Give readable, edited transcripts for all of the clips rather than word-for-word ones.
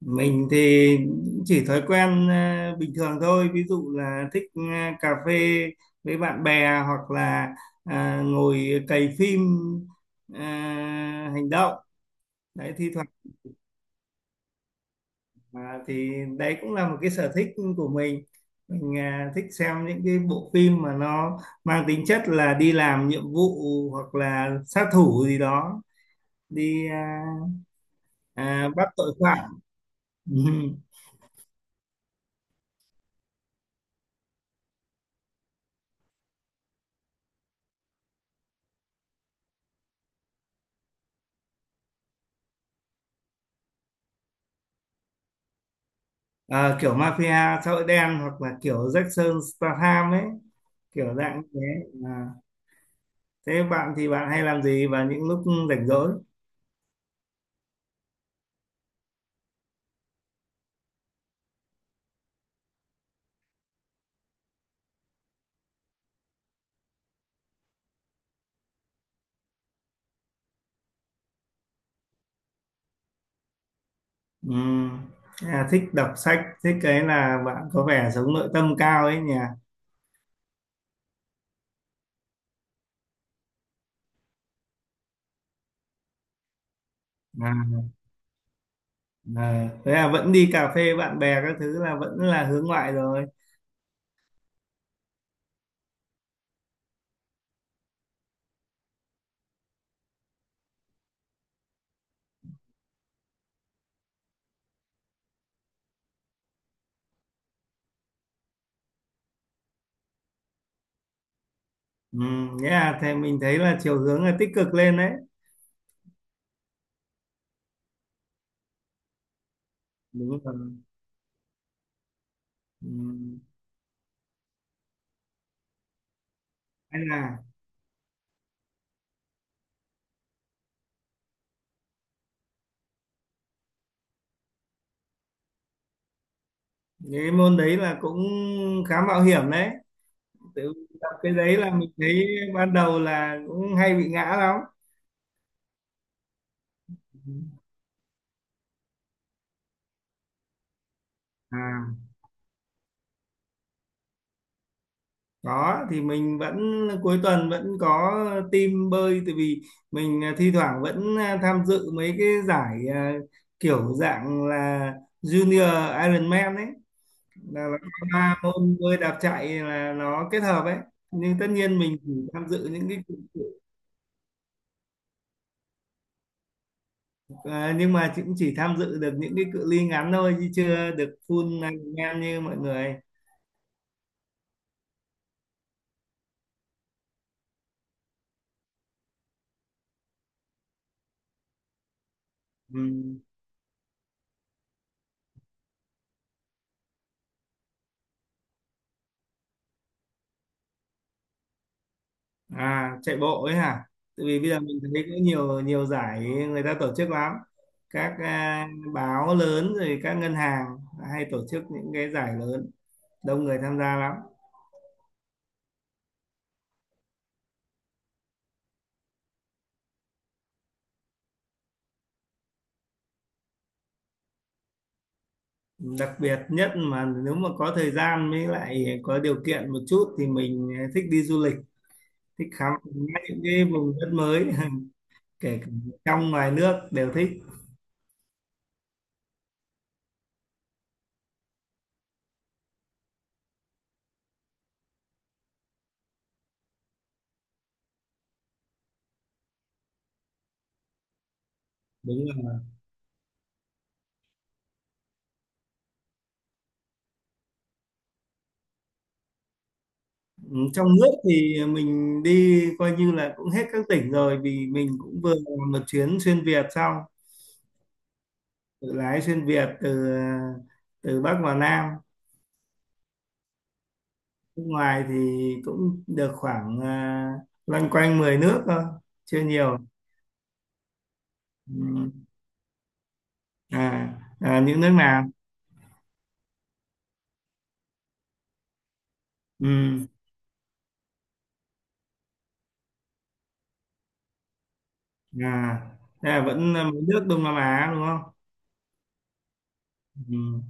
Mình thì chỉ thói quen bình thường thôi, ví dụ là thích cà phê với bạn bè hoặc là ngồi cày phim à, hành động. Đấy thi thoảng thì đấy cũng là một cái sở thích của mình. Mình thích xem những cái bộ phim mà nó mang tính chất là đi làm nhiệm vụ hoặc là sát thủ gì đó, đi bắt tội phạm. Ờ, kiểu mafia xã hội đen hoặc là kiểu Jackson Statham ấy, kiểu dạng như thế à. Thế bạn thì bạn hay làm gì vào những lúc rảnh rỗi? Ừm, thế thích đọc sách, thích cái là bạn có vẻ sống nội tâm cao ấy nhỉ. à, Thế là vẫn đi cà phê bạn bè các thứ là vẫn là hướng ngoại rồi. Thế là thì mình thấy là chiều hướng là tích cực lên đấy, đúng rồi. Ừm, hay là cái môn đấy là cũng khá mạo hiểm đấy, tự tập cái đấy là mình thấy ban đầu là cũng hay bị ngã lắm. à có thì mình vẫn cuối tuần vẫn có team bơi, tại vì mình thi thoảng vẫn tham dự mấy cái giải kiểu dạng là Junior Ironman ấy, là nó có ba môn bơi đạp chạy là nó kết hợp ấy, nhưng tất nhiên mình chỉ tham dự nhưng mà cũng chỉ tham dự được những cái cự ly ngắn thôi chứ chưa được full Ironman như mọi người. Ừ. Chạy bộ ấy hả? Tại vì bây giờ mình thấy có nhiều nhiều giải người ta tổ chức lắm, các báo lớn rồi các ngân hàng hay tổ chức những cái giải lớn, đông người tham gia lắm. Đặc biệt nhất mà nếu mà có thời gian với lại có điều kiện một chút thì mình thích đi du lịch, thích khám phá những cái vùng đất mới. Kể cả trong ngoài nước đều thích, đúng rồi. Ừ, trong nước thì mình đi coi như là cũng hết các tỉnh rồi vì mình cũng vừa làm một chuyến xuyên Việt xong, tự lái xuyên Việt từ từ Bắc vào Nam. Nước ngoài thì cũng được khoảng loanh quanh 10 nước thôi, chưa nhiều. Ừ. à, những nước nào? Ừ. à, Thế là vẫn là mấy nước Đông Nam Á đúng không? Ừ.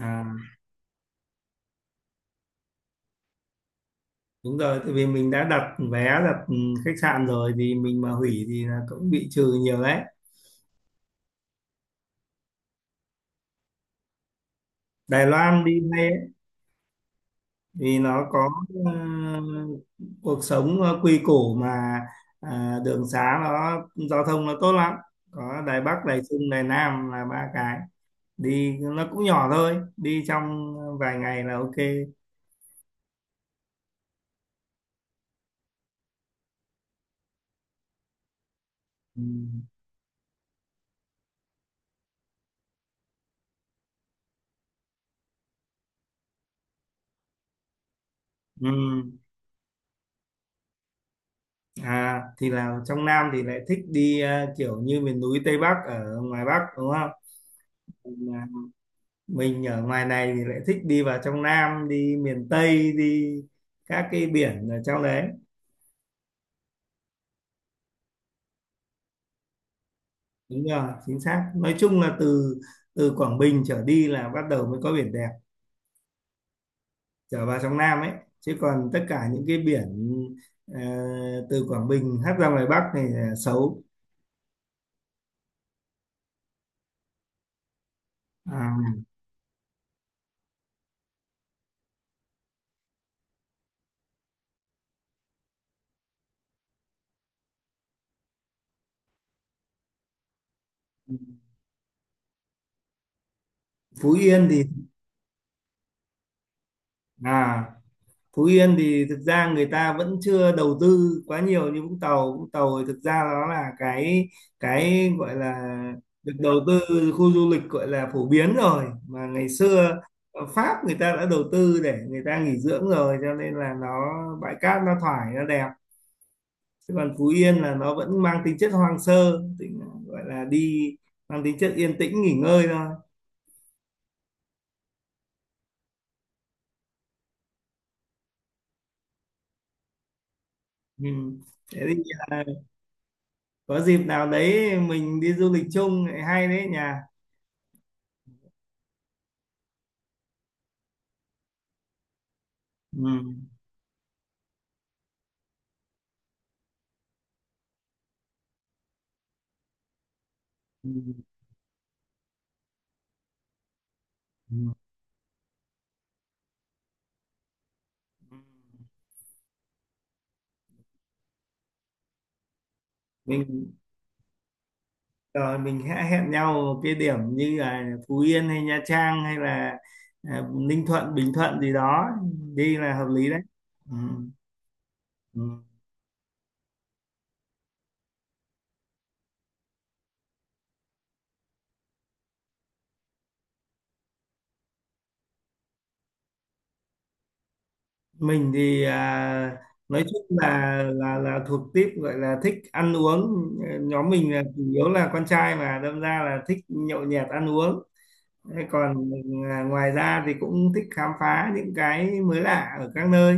à, Đúng rồi, tại vì mình đã đặt vé, đặt khách sạn rồi thì mình mà hủy thì là cũng bị trừ nhiều đấy. Đài Loan đi vì nó có ờ, cuộc sống nó quy củ mà, đường xá nó, giao thông nó tốt lắm. Có Đài Bắc, Đài Trung, Đài Nam là ba cái, đi nó cũng nhỏ thôi, đi trong vài ngày là ok. Ừ. Ừ. À, thì là trong Nam thì lại thích đi kiểu như miền núi Tây Bắc ở ngoài Bắc đúng không. Mà mình ở ngoài này thì lại thích đi vào trong Nam, đi miền Tây, đi các cái biển ở trong đấy. Đúng rồi, chính xác. Nói chung là từ từ Quảng Bình trở đi là bắt đầu mới có biển đẹp, trở vào trong Nam ấy. Chứ còn tất cả những cái biển ờ, từ Quảng Bình hất ra ngoài Bắc này là xấu. À, Phú Yên thì à Phú Yên thì thực ra người ta vẫn chưa đầu tư quá nhiều như Vũng Tàu. Vũng Tàu thì thực ra nó là cái gọi là được đầu tư khu du lịch, gọi là phổ biến rồi, mà ngày xưa ở Pháp người ta đã đầu tư để người ta nghỉ dưỡng rồi cho nên là nó bãi cát nó thoải, nó đẹp. Chứ còn Phú Yên là nó vẫn mang tính chất hoang sơ, tính gọi là đi mang tính chất yên tĩnh nghỉ ngơi thôi. Ừ. Thế thì à, có dịp nào đấy mình đi du lịch chung lại hay đấy nhà. Ừ. Ừ. Ừ. Mình rồi mình hãy hẹn nhau ở cái điểm như là Phú Yên hay Nha Trang hay là Ninh Thuận, Bình Thuận gì đó, đi là hợp lý đấy. Ừ. Ừ. Mình thì nói chung là thuộc típ gọi là thích ăn uống, nhóm mình là chủ yếu là con trai mà đâm ra là thích nhậu nhẹt ăn uống. Thế còn ngoài ra thì cũng thích khám phá những cái mới lạ ở các nơi,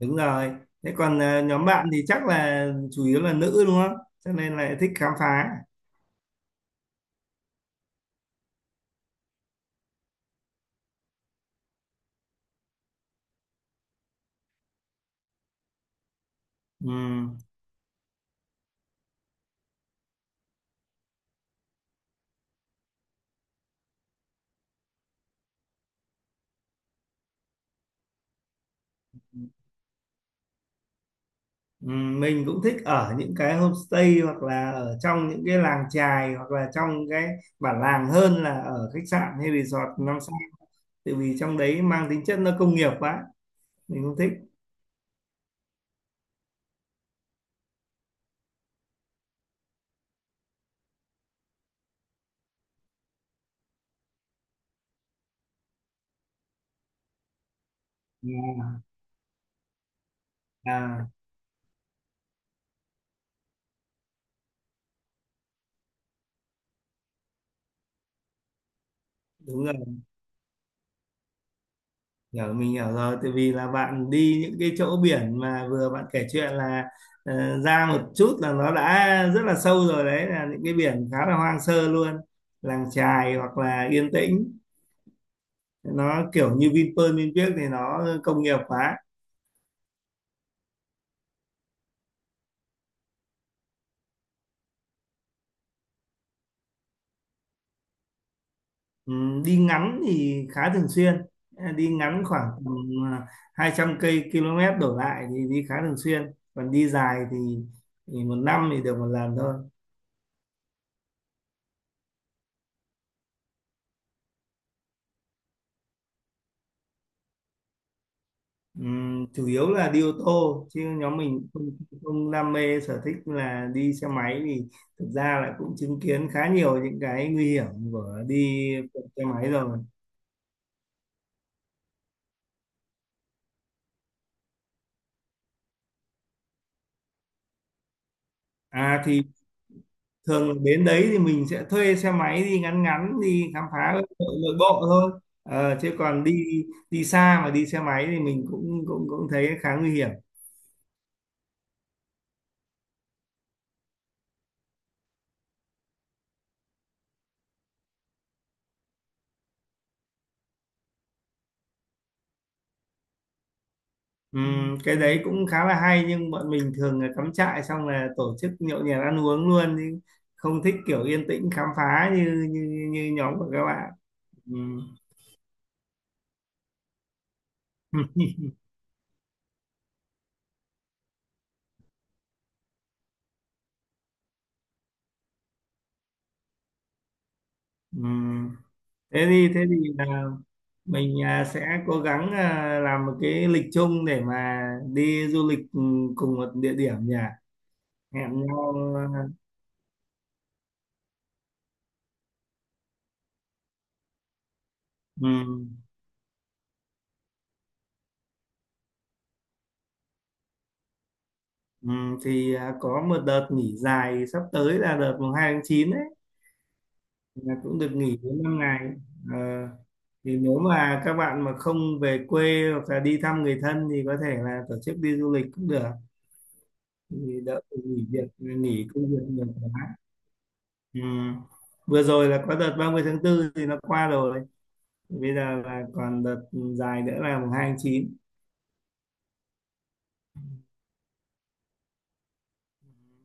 đúng rồi. Thế còn nhóm bạn thì chắc là chủ yếu là nữ đúng không, cho nên là thích khám phá. Ừ. Ừ, mình cũng thích ở những cái homestay hoặc là ở trong những cái làng chài hoặc là trong cái bản làng hơn là ở khách sạn hay resort 5 sao, tại vì trong đấy mang tính chất nó công nghiệp quá, mình không thích. à, à, Đúng rồi, hiểu, mình hiểu rồi, tại vì là bạn đi những cái chỗ biển mà vừa bạn kể chuyện là ra một chút là nó đã rất là sâu rồi, đấy là những cái biển khá là hoang sơ luôn, làng chài hoặc là yên tĩnh, nó kiểu như Vinpearl, Vinpearl thì nó công nghiệp quá. Ừ, đi ngắn thì khá thường xuyên. Ờ, đi ngắn khoảng tầm ờ, 200 km đổ lại thì đi khá thường xuyên, còn đi dài thì một năm thì được một lần thôi. Chủ yếu là đi ô tô chứ nhóm mình không đam mê sở thích là đi xe máy, thì thực ra là cũng chứng kiến khá nhiều những cái nguy hiểm của đi xe máy rồi. À thì Thường đến đấy thì mình sẽ thuê xe máy đi ngắn ngắn, đi khám phá nội nội bộ thôi. Ờ, chứ còn đi đi xa mà đi xe máy thì mình cũng cũng cũng thấy khá nguy hiểm. Cái đấy cũng khá là hay nhưng bọn mình thường là cắm trại xong là tổ chức nhậu nhẹt ăn uống luôn chứ không thích kiểu yên tĩnh khám phá như như như nhóm của các bạn. Ừm, ừm. Thế thì là mình sẽ cố gắng làm một cái lịch chung để mà đi du lịch cùng một địa điểm nhỉ, hẹn nhau ừm, thì có một đợt nghỉ dài sắp tới là đợt mùng 2 tháng 9 đấy, là cũng được nghỉ đến 5 ngày. Ờ, thì nếu mà các bạn mà không về quê hoặc là đi thăm người thân thì có thể là tổ chức đi du lịch cũng được, thì đỡ phải nghỉ việc, nghỉ công việc nhiều quá. Ừ. Vừa rồi là có đợt 30 tháng 4 thì nó qua rồi, bây giờ là còn đợt dài nữa là mùng 2 tháng 9.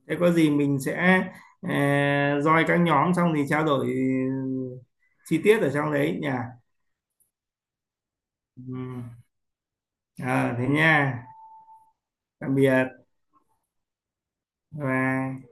Thế có gì mình sẽ uh, join các nhóm xong thì trao đổi chi tiết ở trong đấy nhỉ. Ừ. Thế nha, tạm biệt và